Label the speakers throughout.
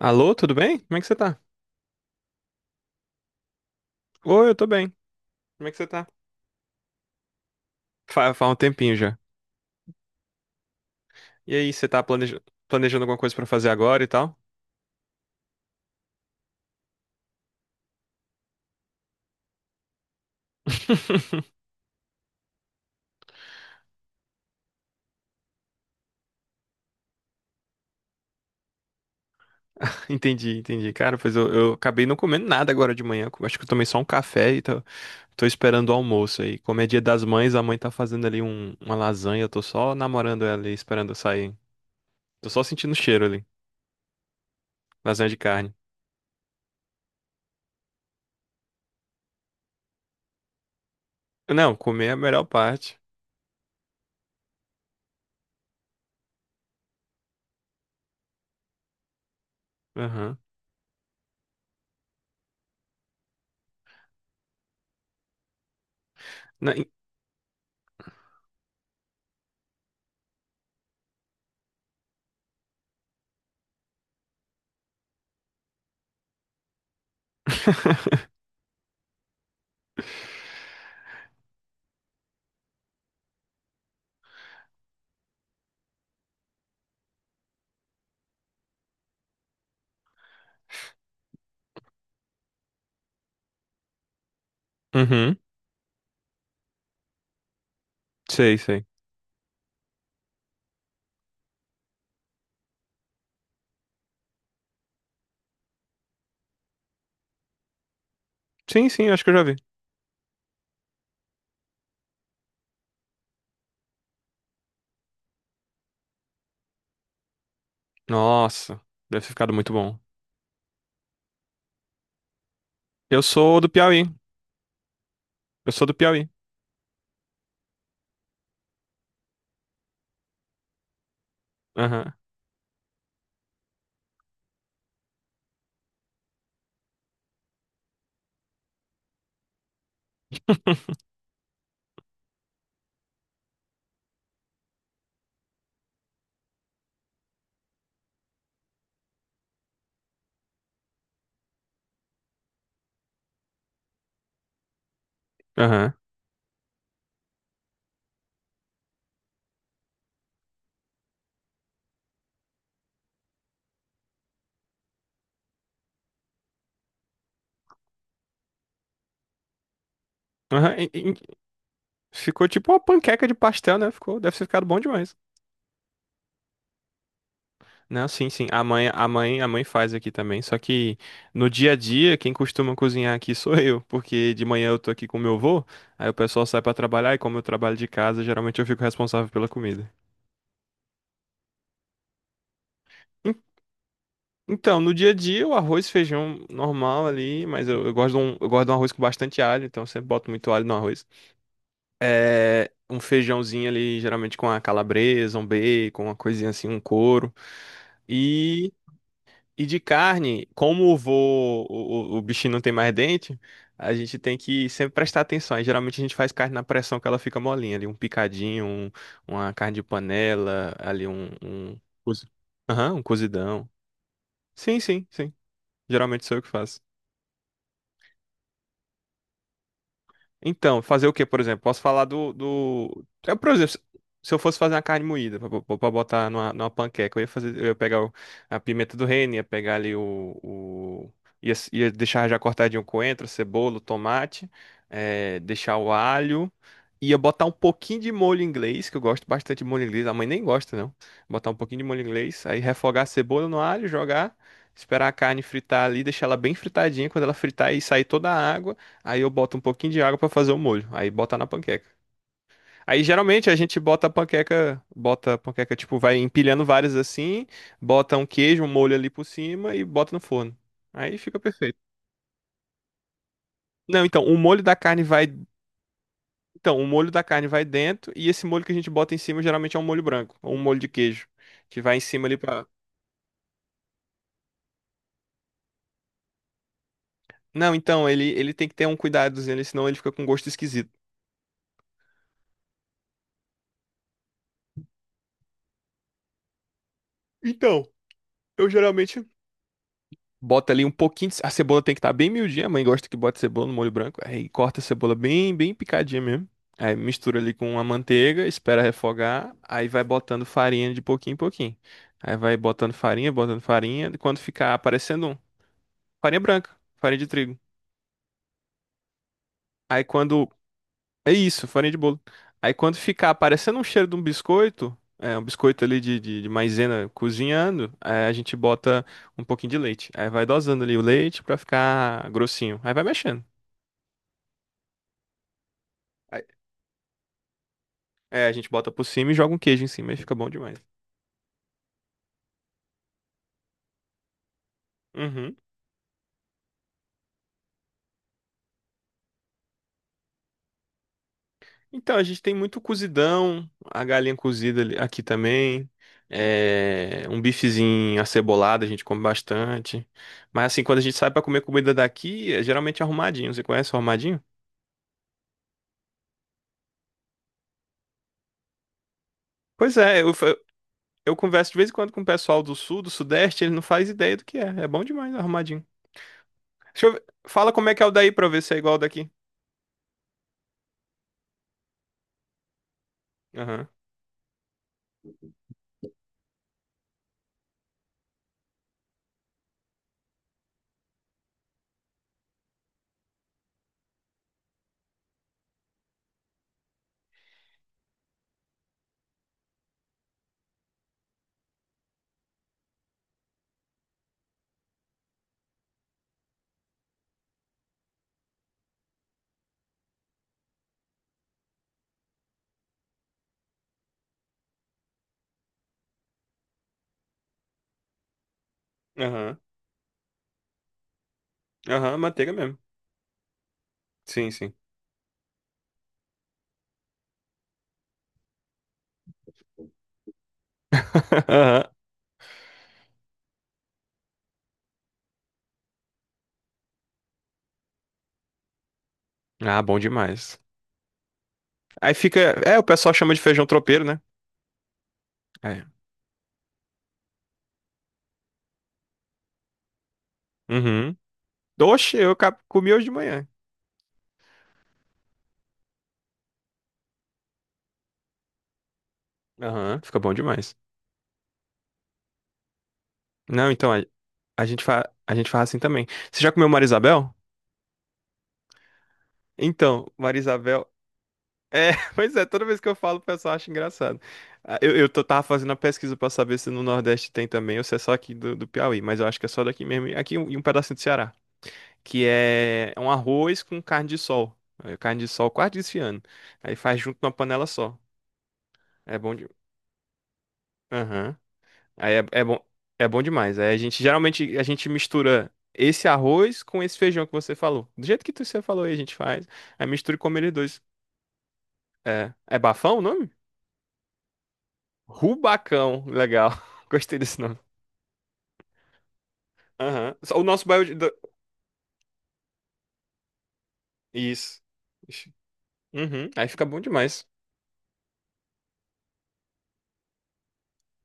Speaker 1: Alô, tudo bem? Como é que você tá? Oi, eu tô bem. Como é que você tá? Faz um tempinho já. E aí, você planejando alguma coisa pra fazer agora e tal? Entendi, entendi. Cara, pois eu acabei não comendo nada agora de manhã. Acho que eu tomei só um café e tô esperando o almoço aí. Como é dia das mães, a mãe tá fazendo uma lasanha. Eu tô só namorando ela e esperando eu sair. Tô só sentindo o cheiro ali. Lasanha de carne. Não, comer é a melhor parte. Aham. Na- Uhum. Sei, sei. Sim, sim, acho que eu já vi. Nossa, deve ter ficado muito bom. Eu sou do Piauí. Eu sou do Piauí. Aham, aham, aham. Ficou tipo uma panqueca de pastel, né? Ficou, deve ter ficado bom demais. Não, sim, sim. A mãe faz aqui também. Só que no dia a dia, quem costuma cozinhar aqui sou eu, porque de manhã eu tô aqui com meu avô, aí o pessoal sai pra trabalhar e, como eu trabalho de casa, geralmente eu fico responsável pela comida. En- Então, no dia a dia, o arroz e feijão normal ali, mas eu gosto de um, eu gosto de um arroz com bastante alho, então eu sempre boto muito alho no arroz. É um feijãozinho ali, geralmente com uma calabresa, um bacon, uma coisinha assim, um couro. E, e de carne, como o vô, o bichinho não tem mais dente, a gente tem que sempre prestar atenção. Aí, geralmente a gente faz carne na pressão, que ela fica molinha ali, um picadinho, uma carne de panela, ali um, um... Aham, um cozidão. Sim, sim, sim. Geralmente sou eu que faço. Então, fazer o quê, por exemplo? Posso falar do, do... Eu, por exemplo, se eu fosse fazer uma carne moída pra botar numa panqueca, eu ia fazer, eu ia pegar a pimenta do reino, ia pegar ali ia, ia deixar já cortadinho o coentro, a cebola, o tomate, deixar o alho, ia botar um pouquinho de molho inglês, que eu gosto bastante de molho inglês, a mãe nem gosta, não. Botar um pouquinho de molho inglês, aí refogar a cebola no alho, jogar, esperar a carne fritar ali, deixar ela bem fritadinha, quando ela fritar e sair toda a água, aí eu boto um pouquinho de água pra fazer o molho. Aí bota na panqueca. Aí geralmente a gente bota a panqueca, bota a panqueca, tipo, vai empilhando várias assim, bota um queijo, um molho ali por cima e bota no forno. Aí fica perfeito. Não, então o molho da carne vai, então o molho da carne vai dentro, e esse molho que a gente bota em cima geralmente é um molho branco ou um molho de queijo que vai em cima ali pra... Não, então ele tem que ter um cuidadozinho ali, senão ele fica com gosto esquisito. Então, eu geralmente bota ali um pouquinho de... A cebola tem que estar bem miudinha. A mãe gosta que bota cebola no molho branco. Aí corta a cebola bem, bem picadinha mesmo. Aí mistura ali com a manteiga, espera refogar. Aí vai botando farinha de pouquinho em pouquinho. Aí vai botando farinha, botando farinha, e quando ficar aparecendo um... Farinha branca, farinha de trigo. Aí quando... É isso, farinha de bolo. Aí quando ficar aparecendo um cheiro de um biscoito... É, um biscoito ali de maisena cozinhando. Aí a gente bota um pouquinho de leite. Aí vai dosando ali o leite pra ficar grossinho. Aí vai mexendo. Aí- É, a gente bota por cima e joga um queijo em cima e fica bom demais. Uhum. Então, a gente tem muito cozidão, a galinha cozida aqui também. É, um bifezinho acebolado, a gente come bastante. Mas assim, quando a gente sai pra comer comida daqui, é geralmente arrumadinho. Você conhece o arrumadinho? Pois é, eu converso de vez em quando com o pessoal do sul, do sudeste, ele não faz ideia do que é. É bom demais arrumadinho. Fala como é que é o daí pra eu ver se é igual ao daqui. Aham, aham, aham, manteiga mesmo. Sim, sim. Ah, bom demais. Aí fica. É, o pessoal chama de feijão tropeiro, né? É. Uhum. Oxe, comi hoje de manhã. Aham, fica bom demais. Não, então, a gente a gente faz assim também. Você já comeu Marisabel? Então, Marisabel. É, pois é, toda vez que eu falo, o pessoal acha engraçado. Ah, eu, tava fazendo a pesquisa pra saber se no Nordeste tem também, ou se é só aqui do, do Piauí, mas eu acho que é só daqui mesmo, e e um pedacinho do Ceará. Que é um arroz com carne de sol. É, carne de sol quase desfiando. Aí faz junto numa panela só. É bom de... Aham. Aí é, é bom demais. Aí a gente geralmente a gente mistura esse arroz com esse feijão que você falou. Do jeito que você falou aí, a gente faz. Aí mistura e come eles dois. É, é bafão o nome? Rubacão. Legal. Gostei desse nome. Aham. Só o nosso bairro de... Isso. Ixi. Uhum. Aí fica bom demais.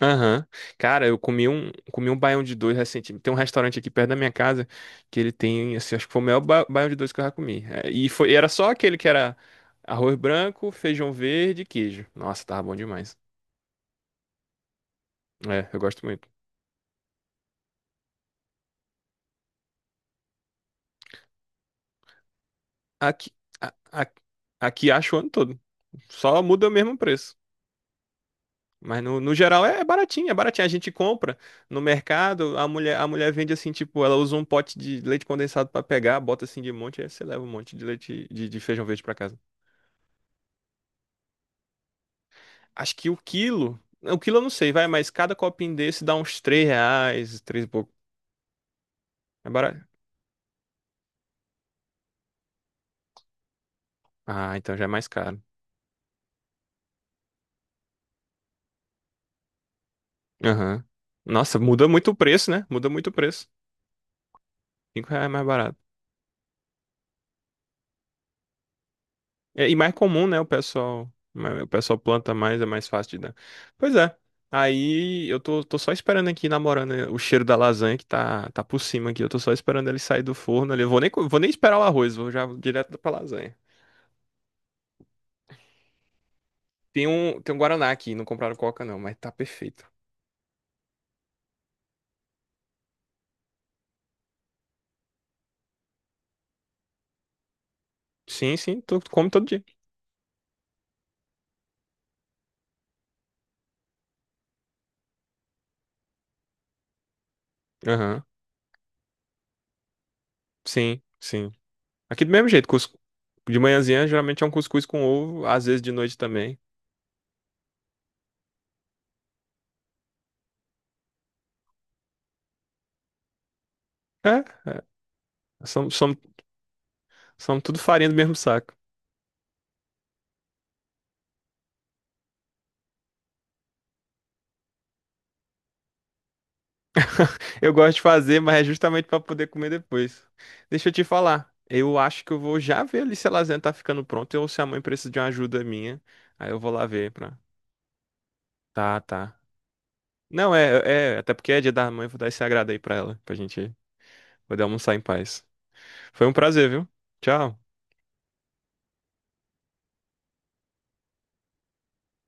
Speaker 1: Aham. Cara, comi um baião de dois recentemente. Tem um restaurante aqui perto da minha casa que ele tem, assim, acho que foi o melhor baião de dois que eu já comi. É, e foi, e era só aquele que era arroz branco, feijão verde e queijo. Nossa, tava bom demais. É, eu gosto muito. Aqui, a- a- aqui acho o ano todo. Só muda o mesmo preço. Mas no, no geral é baratinho, é baratinho. A gente compra no mercado, a mulher vende assim, tipo, ela usa um pote de leite condensado pra pegar, bota assim de monte, aí você leva um monte de leite de feijão verde pra casa. Acho que o quilo. O quilo eu não sei, vai, mas cada copinho desse dá uns 3 reais, 3 e pouco. É barato. Ah, então já é mais caro. Aham. Nossa, muda muito o preço, né? Muda muito o preço. 5 reais é mais barato. É, e mais comum, né? O pessoal planta mais, é mais fácil de dar. Pois é. Aí eu tô, tô só esperando aqui, namorando, né, o cheiro da lasanha que tá por cima aqui. Eu tô só esperando ele sair do forno ali. Eu vou nem, vou nem esperar o arroz, vou já direto pra lasanha. Tem um Guaraná aqui, não compraram Coca não, mas tá perfeito. Sim, sim, tu come todo dia. Aham. Sim, sim. Aqui do mesmo jeito, de manhãzinha geralmente é um cuscuz com ovo, às vezes de noite também. É, é. São, são, são tudo farinha do mesmo saco. Eu gosto de fazer, mas é justamente para poder comer depois. Deixa eu te falar. Eu acho que eu vou já ver ali se a lasanha tá ficando pronta ou se a mãe precisa de uma ajuda minha. Aí eu vou lá ver pra. Tá, tá. Não, é, é, até porque é dia da mãe, eu vou dar esse agrado aí pra ela, pra gente poder almoçar em paz. Foi um prazer, viu? Tchau.